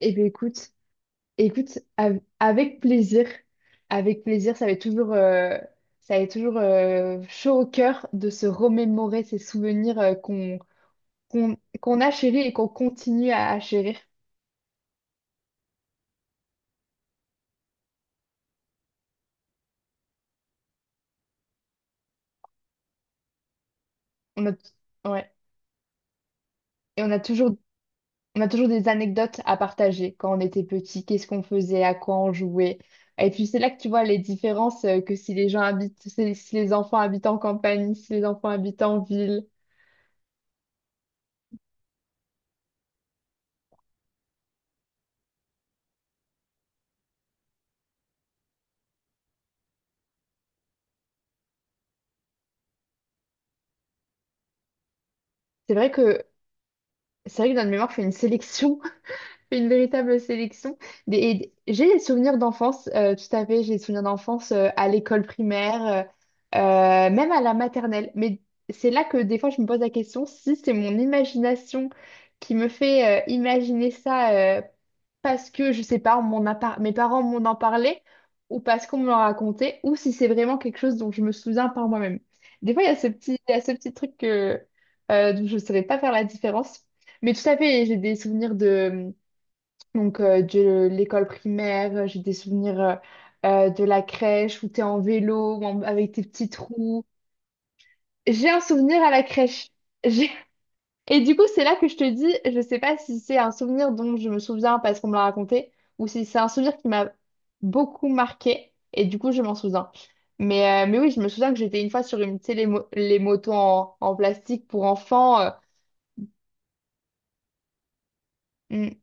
Eh bien, écoute, avec plaisir, ça va être toujours, ça va être toujours chaud au cœur de se remémorer ces souvenirs qu'on a chéris et qu'on continue à chérir. On a, t- ouais, et on a toujours, on a toujours des anecdotes à partager quand on était petit, qu'est-ce qu'on faisait, à quoi on jouait. Et puis c'est là que tu vois les différences que si les gens habitent, si les enfants habitent en campagne, si les enfants habitent en ville. C'est vrai que c'est vrai que dans le mémoire, je fais une sélection. Une véritable sélection. J'ai des souvenirs d'enfance, tout à fait, j'ai des souvenirs d'enfance à l'école primaire, même à la maternelle. Mais c'est là que des fois je me pose la question si c'est mon imagination qui me fait imaginer ça, parce que, je sais pas, on m'en a par- mes parents m'en ont parlé ou parce qu'on me l'a raconté ou si c'est vraiment quelque chose dont je me souviens par moi-même. Des fois, il y a ce petit truc que dont je ne saurais pas faire la différence. Mais tout à fait, j'ai des souvenirs de, donc, de l'école primaire, j'ai des souvenirs de la crèche où t'es en vélo, avec tes petites roues. J'ai un souvenir à la crèche. J'ai- Et du coup, c'est là que je te dis, je sais pas si c'est un souvenir dont je me souviens parce qu'on me l'a raconté, ou si c'est un souvenir qui m'a beaucoup marqué, et du coup, je m'en souviens. Mais oui, je me souviens que j'étais une fois sur une, tu sais, les motos en, en plastique pour enfants. Hmm,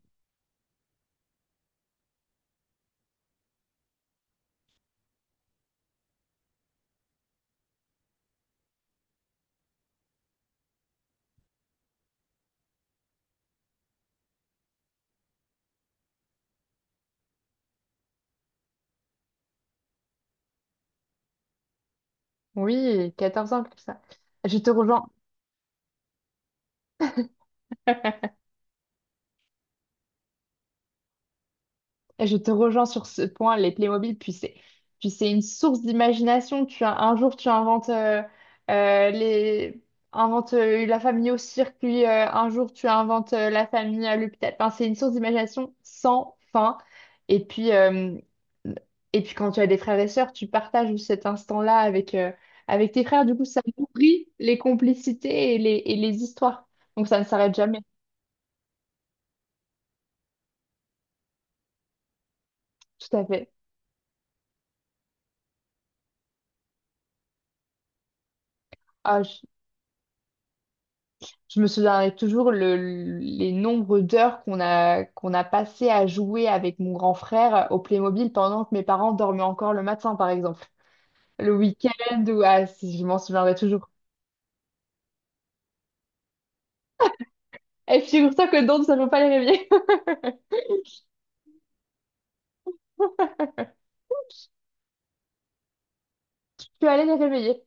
oui, 14 ans, comme ça. Je te rejoins. Je te rejoins sur ce point, les Playmobil, puis c'est une source d'imagination. Tu as, un jour, tu inventes, euh, les, inventes la famille au circuit, un jour, tu inventes la famille à l'hôpital. Enfin, c'est une source d'imagination sans fin. Et puis, euh, et puis, quand tu as des frères et sœurs, tu partages cet instant-là avec, avec tes frères. Du coup, ça nourrit les complicités et les histoires. Donc, ça ne s'arrête jamais. Tout à fait. Ah. Je me souviendrai toujours les nombres d'heures qu'on a passées à jouer avec mon grand frère au Playmobil pendant que mes parents dormaient encore le matin, par exemple. Le week-end ou... Ah, si, je m'en souviendrai toujours. Et figure-toi que Dawn, ça ne peut pas les réveiller. Je suis allée les réveiller.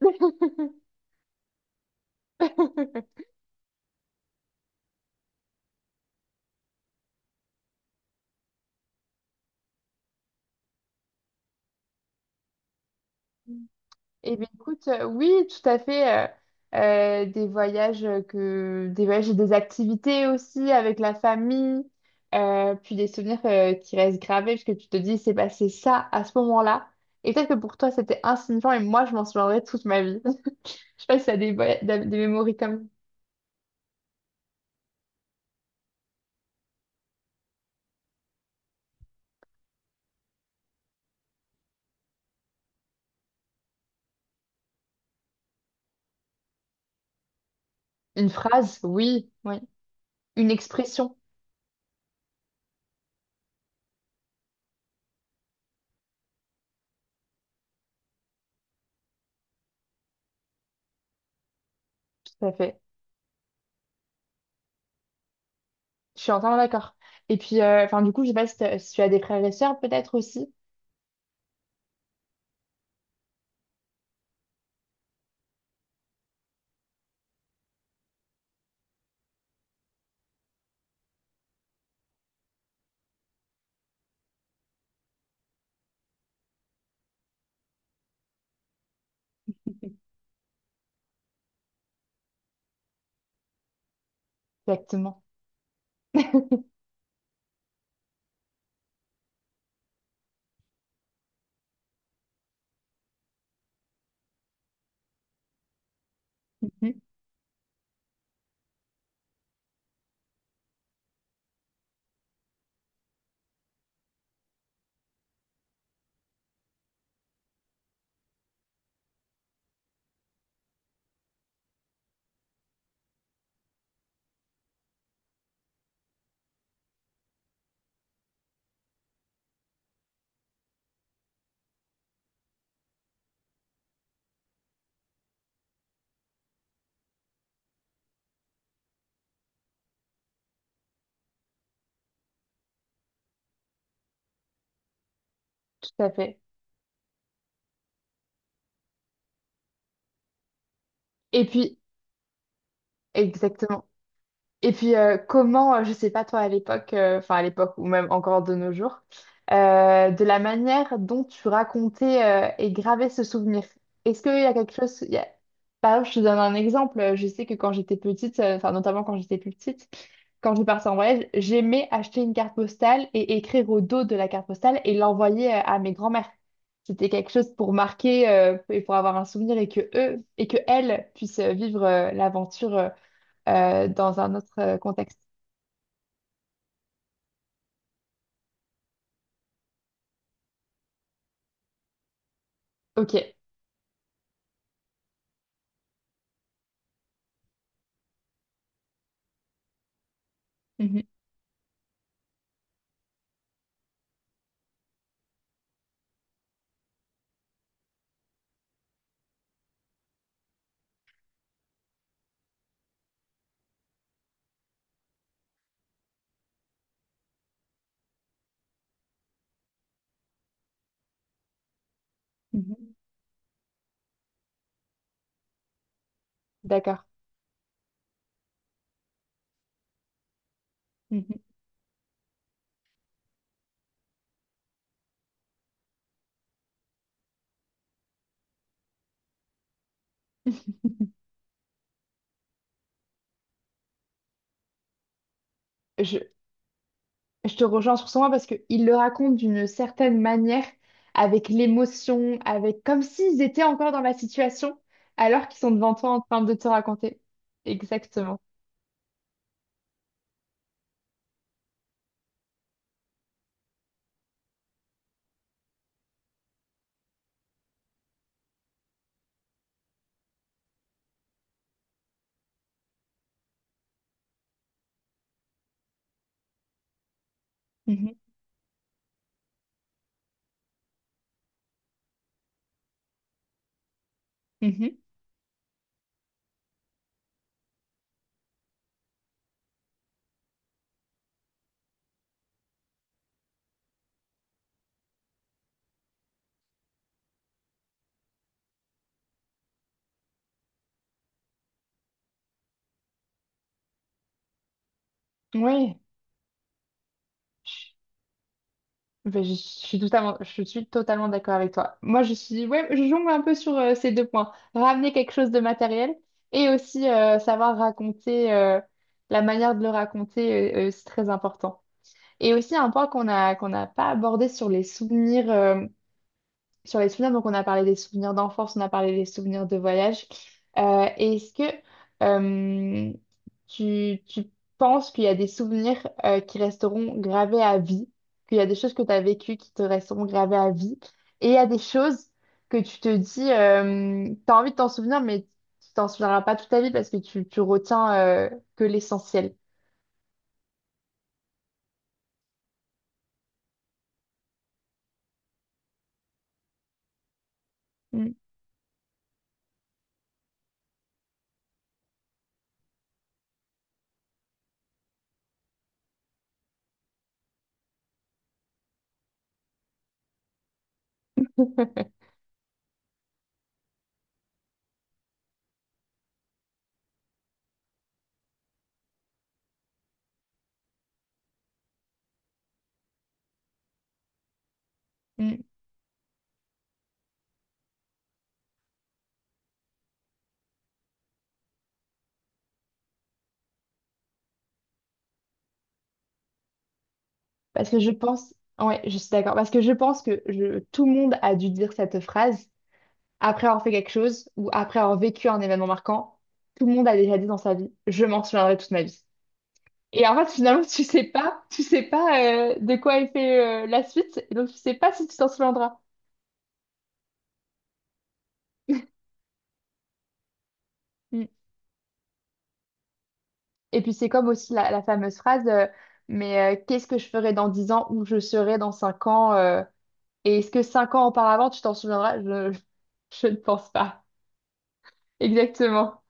Eh bien, écoute, oui, tout à fait. Des voyages des voyages et des activités aussi avec la famille, puis des souvenirs qui restent gravés parce que tu te dis, c'est passé ça à ce moment-là. Et peut-être que pour toi, c'était insignifiant et moi, je m'en souviendrai toute ma vie. Je sais pas si t'as des, voya- des mémories comme une phrase, oui, oui, une expression, tout à fait. Je suis entièrement d'accord. Et puis, enfin, du coup, je sais pas si tu as des frères et sœurs peut-être aussi. Exactement. Mhm. Tout à fait. Et puis, exactement. Et puis, comment, je sais pas toi à l'époque, enfin à l'époque ou même encore de nos jours, de la manière dont tu racontais et gravais ce souvenir. Est-ce qu'il y a quelque chose... Par exemple, je te donne un exemple. Je sais que quand j'étais petite, enfin notamment quand j'étais plus petite, quand je partais en voyage, j'aimais acheter une carte postale et écrire au dos de la carte postale et l'envoyer à mes grands-mères. C'était quelque chose pour marquer et pour avoir un souvenir et que eux et que elles puissent vivre l'aventure. Dans un autre contexte. Ok. Mhm. Mhm, d'accord. Mhm. Je, je te rejoins sur ce point parce qu'ils le racontent d'une certaine manière, avec l'émotion, avec comme s'ils étaient encore dans la situation, alors qu'ils sont devant toi en train de te raconter. Exactement. Mhm. Mhm. Oui. Ben, je suis totalement d'accord avec toi. Moi, je suis, ouais, je jongle un peu sur ces deux points. Ramener quelque chose de matériel et aussi savoir raconter, la manière de le raconter, c'est très important. Et aussi un point qu'on n'a pas abordé sur les souvenirs. Donc on a parlé des souvenirs d'enfance, on a parlé des souvenirs de voyage. Et est-ce que euh, tu penses qu'il y a des souvenirs qui resteront gravés à vie, qu'il y a des choses que tu as vécues qui te resteront gravées à vie, et il y a des choses que tu te dis, tu as envie de t'en souvenir, mais tu t'en souviendras pas toute ta vie parce que tu retiens que l'essentiel. Mm. Mm. Parce que je pense, ouais, je suis d'accord. Parce que je pense que je- tout le monde a dû dire cette phrase. Après avoir fait quelque chose ou après avoir vécu un événement marquant, tout le monde a déjà dit dans sa vie, je m'en souviendrai toute ma vie. Et en fait, finalement, tu sais pas de quoi est fait la suite, et donc tu sais pas si tu t'en souviendras. Mm. Et puis c'est comme aussi la fameuse phrase, qu'est-ce que je ferai dans 10 ans, où je serai dans 5 ans, et est-ce que 5 ans auparavant, tu t'en souviendras? Je ne pense pas. Exactement.